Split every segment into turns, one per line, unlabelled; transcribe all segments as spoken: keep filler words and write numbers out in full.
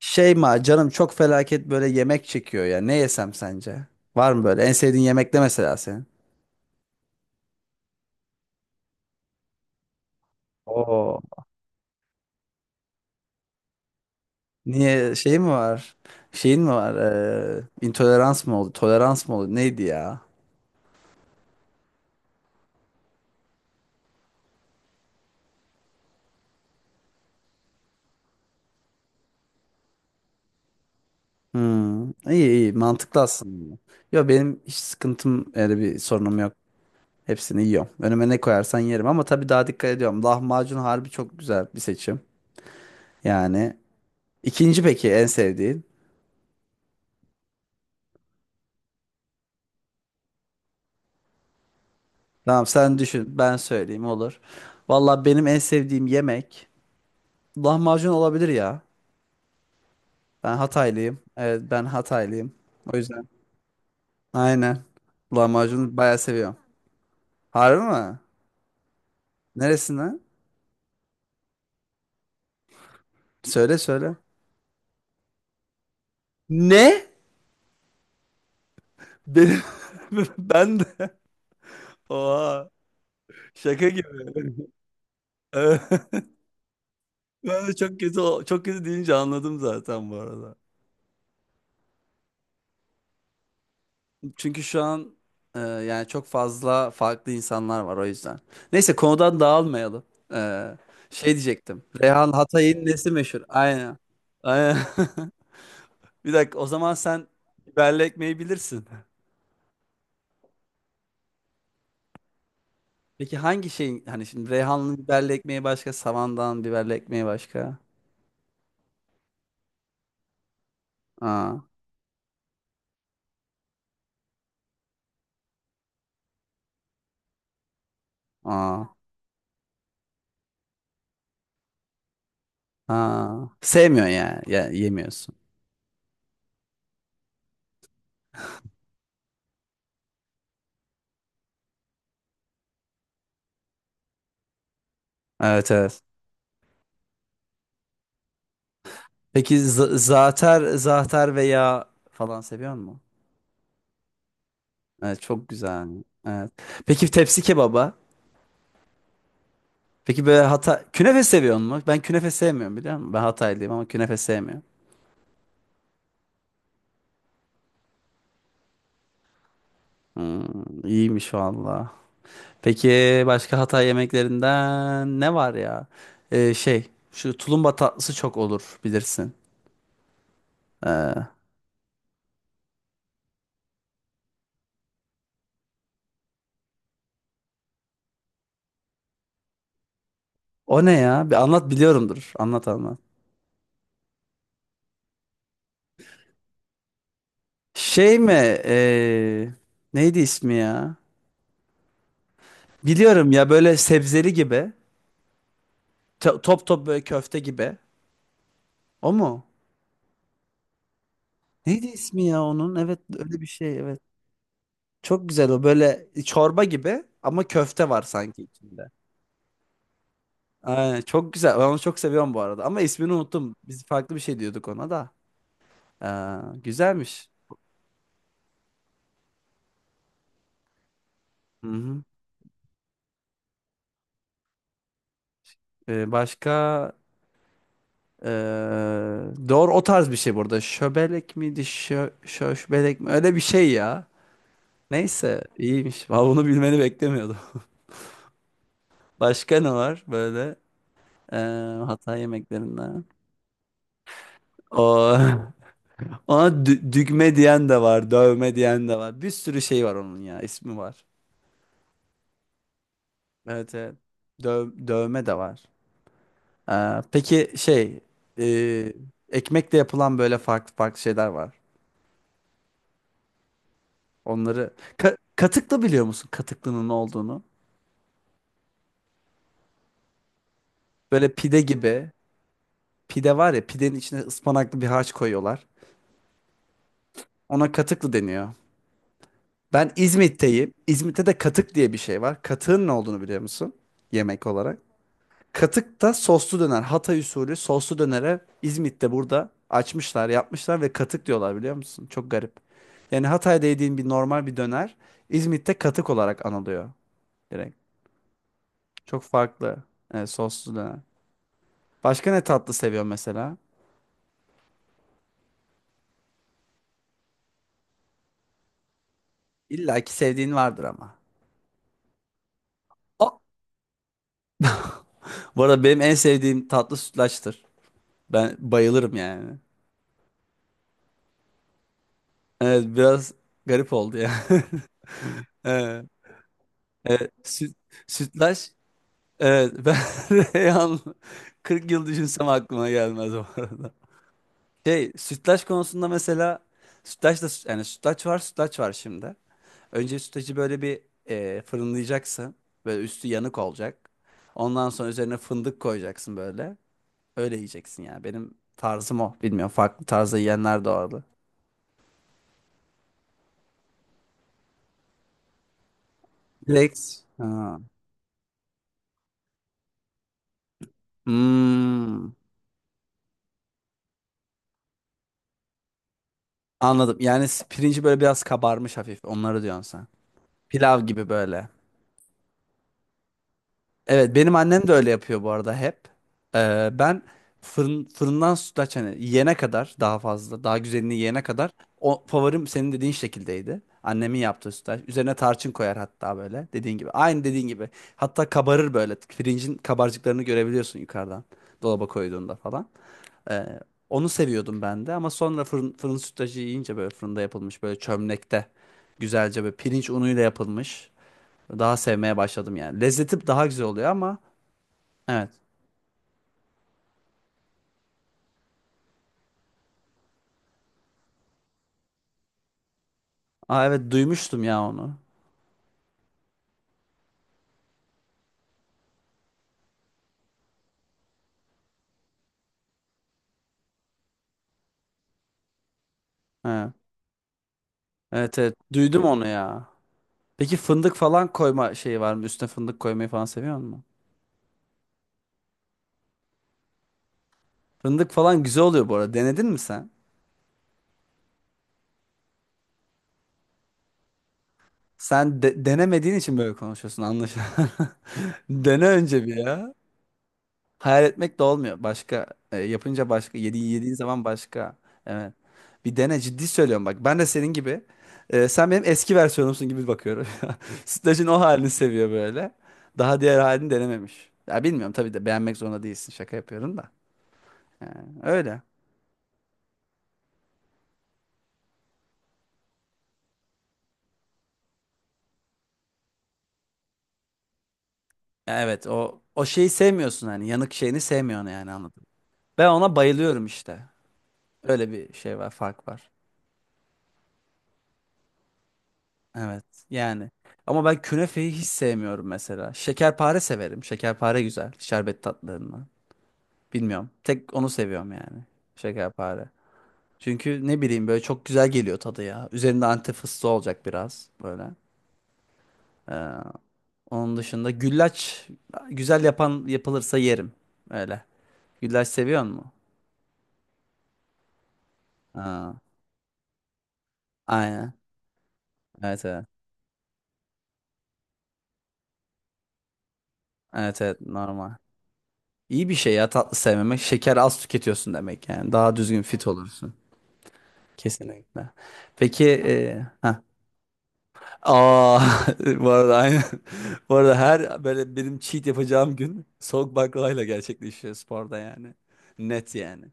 Şey ma canım çok felaket böyle yemek çekiyor ya. Ne yesem sence? Var mı böyle? En sevdiğin yemek ne mesela senin? Oo. Niye şey mi var? Şeyin mi var? Ee, intolerans mı oldu? Tolerans mı oldu? Neydi ya? Hmm. İyi iyi mantıklı aslında. Yo, benim hiç sıkıntım, öyle bir sorunum yok. Hepsini yiyorum. Önüme ne koyarsan yerim ama tabii daha dikkat ediyorum. Lahmacun harbi çok güzel bir seçim. Yani ikinci peki en sevdiğin? Tamam, sen düşün. Ben söyleyeyim, olur. Valla benim en sevdiğim yemek lahmacun olabilir ya. Ben Hataylıyım. Evet, ben Hataylıyım. O yüzden. Aynen. Lahmacunu bayağı seviyorum. Harbi mi? Neresinden? Söyle söyle. Ne? Benim ben de. Oha. Şaka gibi. Evet. Ben de çok kötü çok kötü deyince anladım zaten bu arada. Çünkü şu an e, yani çok fazla farklı insanlar var, o yüzden. Neyse, konudan dağılmayalım. E, şey diyecektim. Reyhan, Hatay'ın nesi meşhur? Aynen. Aynen. Bir dakika, o zaman sen biberli ekmeği bilirsin. Peki hangi şeyin, hani şimdi Reyhanlı biberli ekmeği başka, Savandan biberli ekmeği başka? Aa, aa, aa. Sevmiyorsun yani. Ya, yemiyorsun. Evet evet. Peki z- zaatar, zaatar veya falan seviyor musun? Evet, çok güzel. Evet. Peki tepsi kebaba? Peki böyle hata künefe seviyor musun? Ben künefe sevmiyorum, biliyor musun? Ben Hataylıyım ama künefe sevmiyorum. Hmm, iyiymiş valla. Peki başka Hatay yemeklerinden ne var ya? Ee, şey, şu tulumba tatlısı çok olur bilirsin. Ee, o ne ya? Bir anlat, biliyorumdur. Anlat anlat. Şey mi? ee, neydi ismi ya? Biliyorum ya, böyle sebzeli gibi. to- Top top böyle köfte gibi. O mu? Neydi ismi ya onun? Evet, öyle bir şey, evet. Çok güzel o, böyle çorba gibi ama köfte var sanki içinde. Aynen, çok güzel. Ben onu çok seviyorum bu arada. Ama ismini unuttum. Biz farklı bir şey diyorduk ona da. Ee, güzelmiş. Hı hı. Ee, başka ee, doğru, o tarz bir şey burada. Şöbelek miydi? Şö, şöşbelek mi? Öyle bir şey ya. Neyse, iyiymiş. Vallahi bunu bilmeni beklemiyordum. Başka ne var böyle ee, Hatay yemeklerinden? O Ona dü- düğme diyen de var, dövme diyen de var. Bir sürü şey var onun ya, ismi var. Evet, evet. Döv- dövme de var. Ee, peki şey, e, ekmekle yapılan böyle farklı farklı şeyler var. Onları Ka- katıklı, biliyor musun? Katıklının ne olduğunu. Böyle pide gibi. Pide var ya, pidenin içine ıspanaklı bir harç koyuyorlar. Ona katıklı deniyor. Ben İzmit'teyim. İzmit'te de katık diye bir şey var. Katığın ne olduğunu biliyor musun? Yemek olarak. Katık da soslu döner. Hatay usulü soslu dönere İzmit'te burada açmışlar, yapmışlar ve katık diyorlar, biliyor musun? Çok garip. Yani Hatay'da yediğin bir normal bir döner, İzmit'te katık olarak anılıyor direkt. Çok farklı e, soslu döner. Başka ne tatlı seviyorsun mesela? İlla ki sevdiğin vardır ama. Aa! Bu arada benim en sevdiğim tatlı sütlaçtır. Ben bayılırım yani. Evet, biraz garip oldu ya. Evet. Evet, süt, sütlaç. Evet ben Reyhan, kırk yıl düşünsem aklıma gelmez bu arada. Şey, sütlaç konusunda mesela, sütlaç da yani, sütlaç var sütlaç var şimdi. Önce sütlacı böyle bir e, fırınlayacaksın. Böyle üstü yanık olacak. Ondan sonra üzerine fındık koyacaksın böyle. Öyle yiyeceksin yani. Benim tarzım o. Bilmiyorum, farklı tarzda yiyenler de vardı. Direkt. Ha. Hmm, anladım. Yani s- pirinci böyle biraz kabarmış hafif. Onları diyorsun sen. Pilav gibi böyle. Evet, benim annem de öyle yapıyor bu arada hep. Ee, ben fırın, fırından sütlaç, hani yiyene kadar, daha fazla daha güzelini yiyene kadar o favorim senin dediğin şekildeydi. Annemin yaptığı sütlaç. Üzerine tarçın koyar hatta, böyle dediğin gibi. Aynı dediğin gibi. Hatta kabarır böyle. Pirincin kabarcıklarını görebiliyorsun yukarıdan. Dolaba koyduğunda falan. Ee, onu seviyordum ben de ama sonra fırın, fırın sütlacı yiyince, böyle fırında yapılmış, böyle çömlekte güzelce, böyle pirinç unuyla yapılmış. Daha sevmeye başladım yani. Lezzeti daha güzel oluyor ama evet. Aa, evet, duymuştum ya onu. Ha. Evet evet, duydum onu ya. Peki fındık falan koyma şeyi var mı? Üstüne fındık koymayı falan seviyor musun? Fındık falan güzel oluyor bu arada. Denedin mi sen? Sen de- denemediğin için böyle konuşuyorsun anlaşılan. Dene önce bir ya. Hayal etmek de olmuyor. Başka e, yapınca başka, yedi, yediğin zaman başka. Evet. Bir dene, ciddi söylüyorum bak. Ben de senin gibi. E, sen benim eski versiyonumsun gibi bakıyorum. Sütlacın o halini seviyor böyle. Daha diğer halini denememiş. Ya, bilmiyorum tabii de, beğenmek zorunda değilsin. Şaka yapıyorum da. Yani öyle. Evet, o o şeyi sevmiyorsun, hani yanık şeyini sevmiyorsun yani, anladım. Ben ona bayılıyorum işte. Öyle bir şey var, fark var. Evet yani. Ama ben künefeyi hiç sevmiyorum mesela. Şekerpare severim. Şekerpare güzel. Şerbet tatlarından. Bilmiyorum. Tek onu seviyorum yani. Şekerpare. Çünkü ne bileyim, böyle çok güzel geliyor tadı ya. Üzerinde antep fıstığı olacak biraz böyle. Ee, onun dışında güllaç, güzel yapan yapılırsa yerim. Öyle. Güllaç seviyor musun? Aa, aynen. Evet evet. Evet evet, normal. İyi bir şey ya tatlı sevmemek. Şeker az tüketiyorsun demek yani. Daha düzgün fit olursun. Kesinlikle. Peki e, ha. Aa, bu arada aynı. Bu arada her böyle benim cheat yapacağım gün soğuk baklavayla gerçekleşiyor sporda yani. Net yani.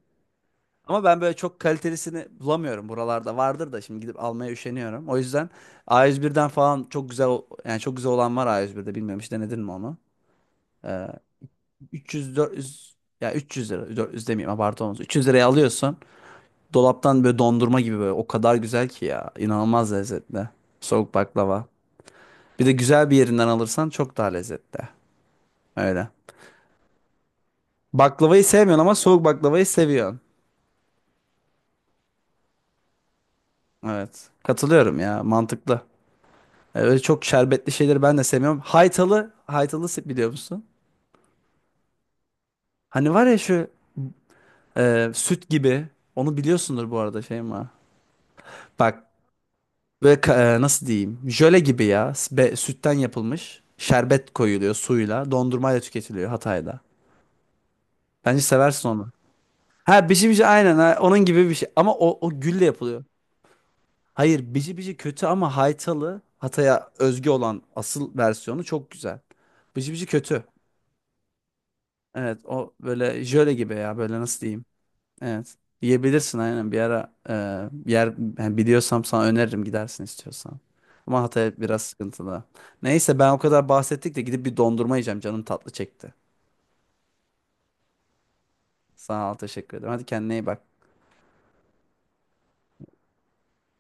Ama ben böyle çok kalitelisini bulamıyorum. Buralarda vardır da şimdi gidip almaya üşeniyorum. O yüzden a yüz birden falan çok güzel, o- yani çok güzel olan var A yüz bir'de, bilmiyorum hiç denedin mi onu? Ee, üç yüz dört yüz, ya üç yüz lira, dört yüz demeyeyim abartı olmasın. üç yüz liraya alıyorsun. Dolaptan böyle, dondurma gibi böyle. O kadar güzel ki ya. İnanılmaz lezzetli. Soğuk baklava. Bir de güzel bir yerinden alırsan çok daha lezzetli. Öyle. Baklavayı sevmiyorsun ama soğuk baklavayı seviyorsun. Evet. Katılıyorum ya. Mantıklı. Ee, Öyle çok şerbetli şeyleri ben de sevmiyorum. Haytalı. Haytalı se- biliyor musun? Hani var ya şu e, süt gibi. Onu biliyorsundur bu arada, şey mi? Bak böyle ka- e, nasıl diyeyim? Jöle gibi ya. S- be- sütten yapılmış. Şerbet koyuluyor suyla. Dondurmayla tüketiliyor Hatay'da. Bence seversin onu. Ha, bici bici, aynen, ha, onun gibi bir şey. Ama o, o gülle yapılıyor. Hayır, bici bici kötü ama Haytalı, Hatay'a özgü olan asıl versiyonu çok güzel. Bici bici kötü. Evet, o böyle jöle gibi ya, böyle nasıl diyeyim. Evet, yiyebilirsin aynen bir ara, e, yer yani biliyorsam sana öneririm, gidersin istiyorsan. Ama Hatay biraz sıkıntılı. Neyse, ben o kadar bahsettik de gidip bir dondurma yiyeceğim, canım tatlı çekti. Sağ ol, teşekkür ederim. Hadi kendine iyi bak.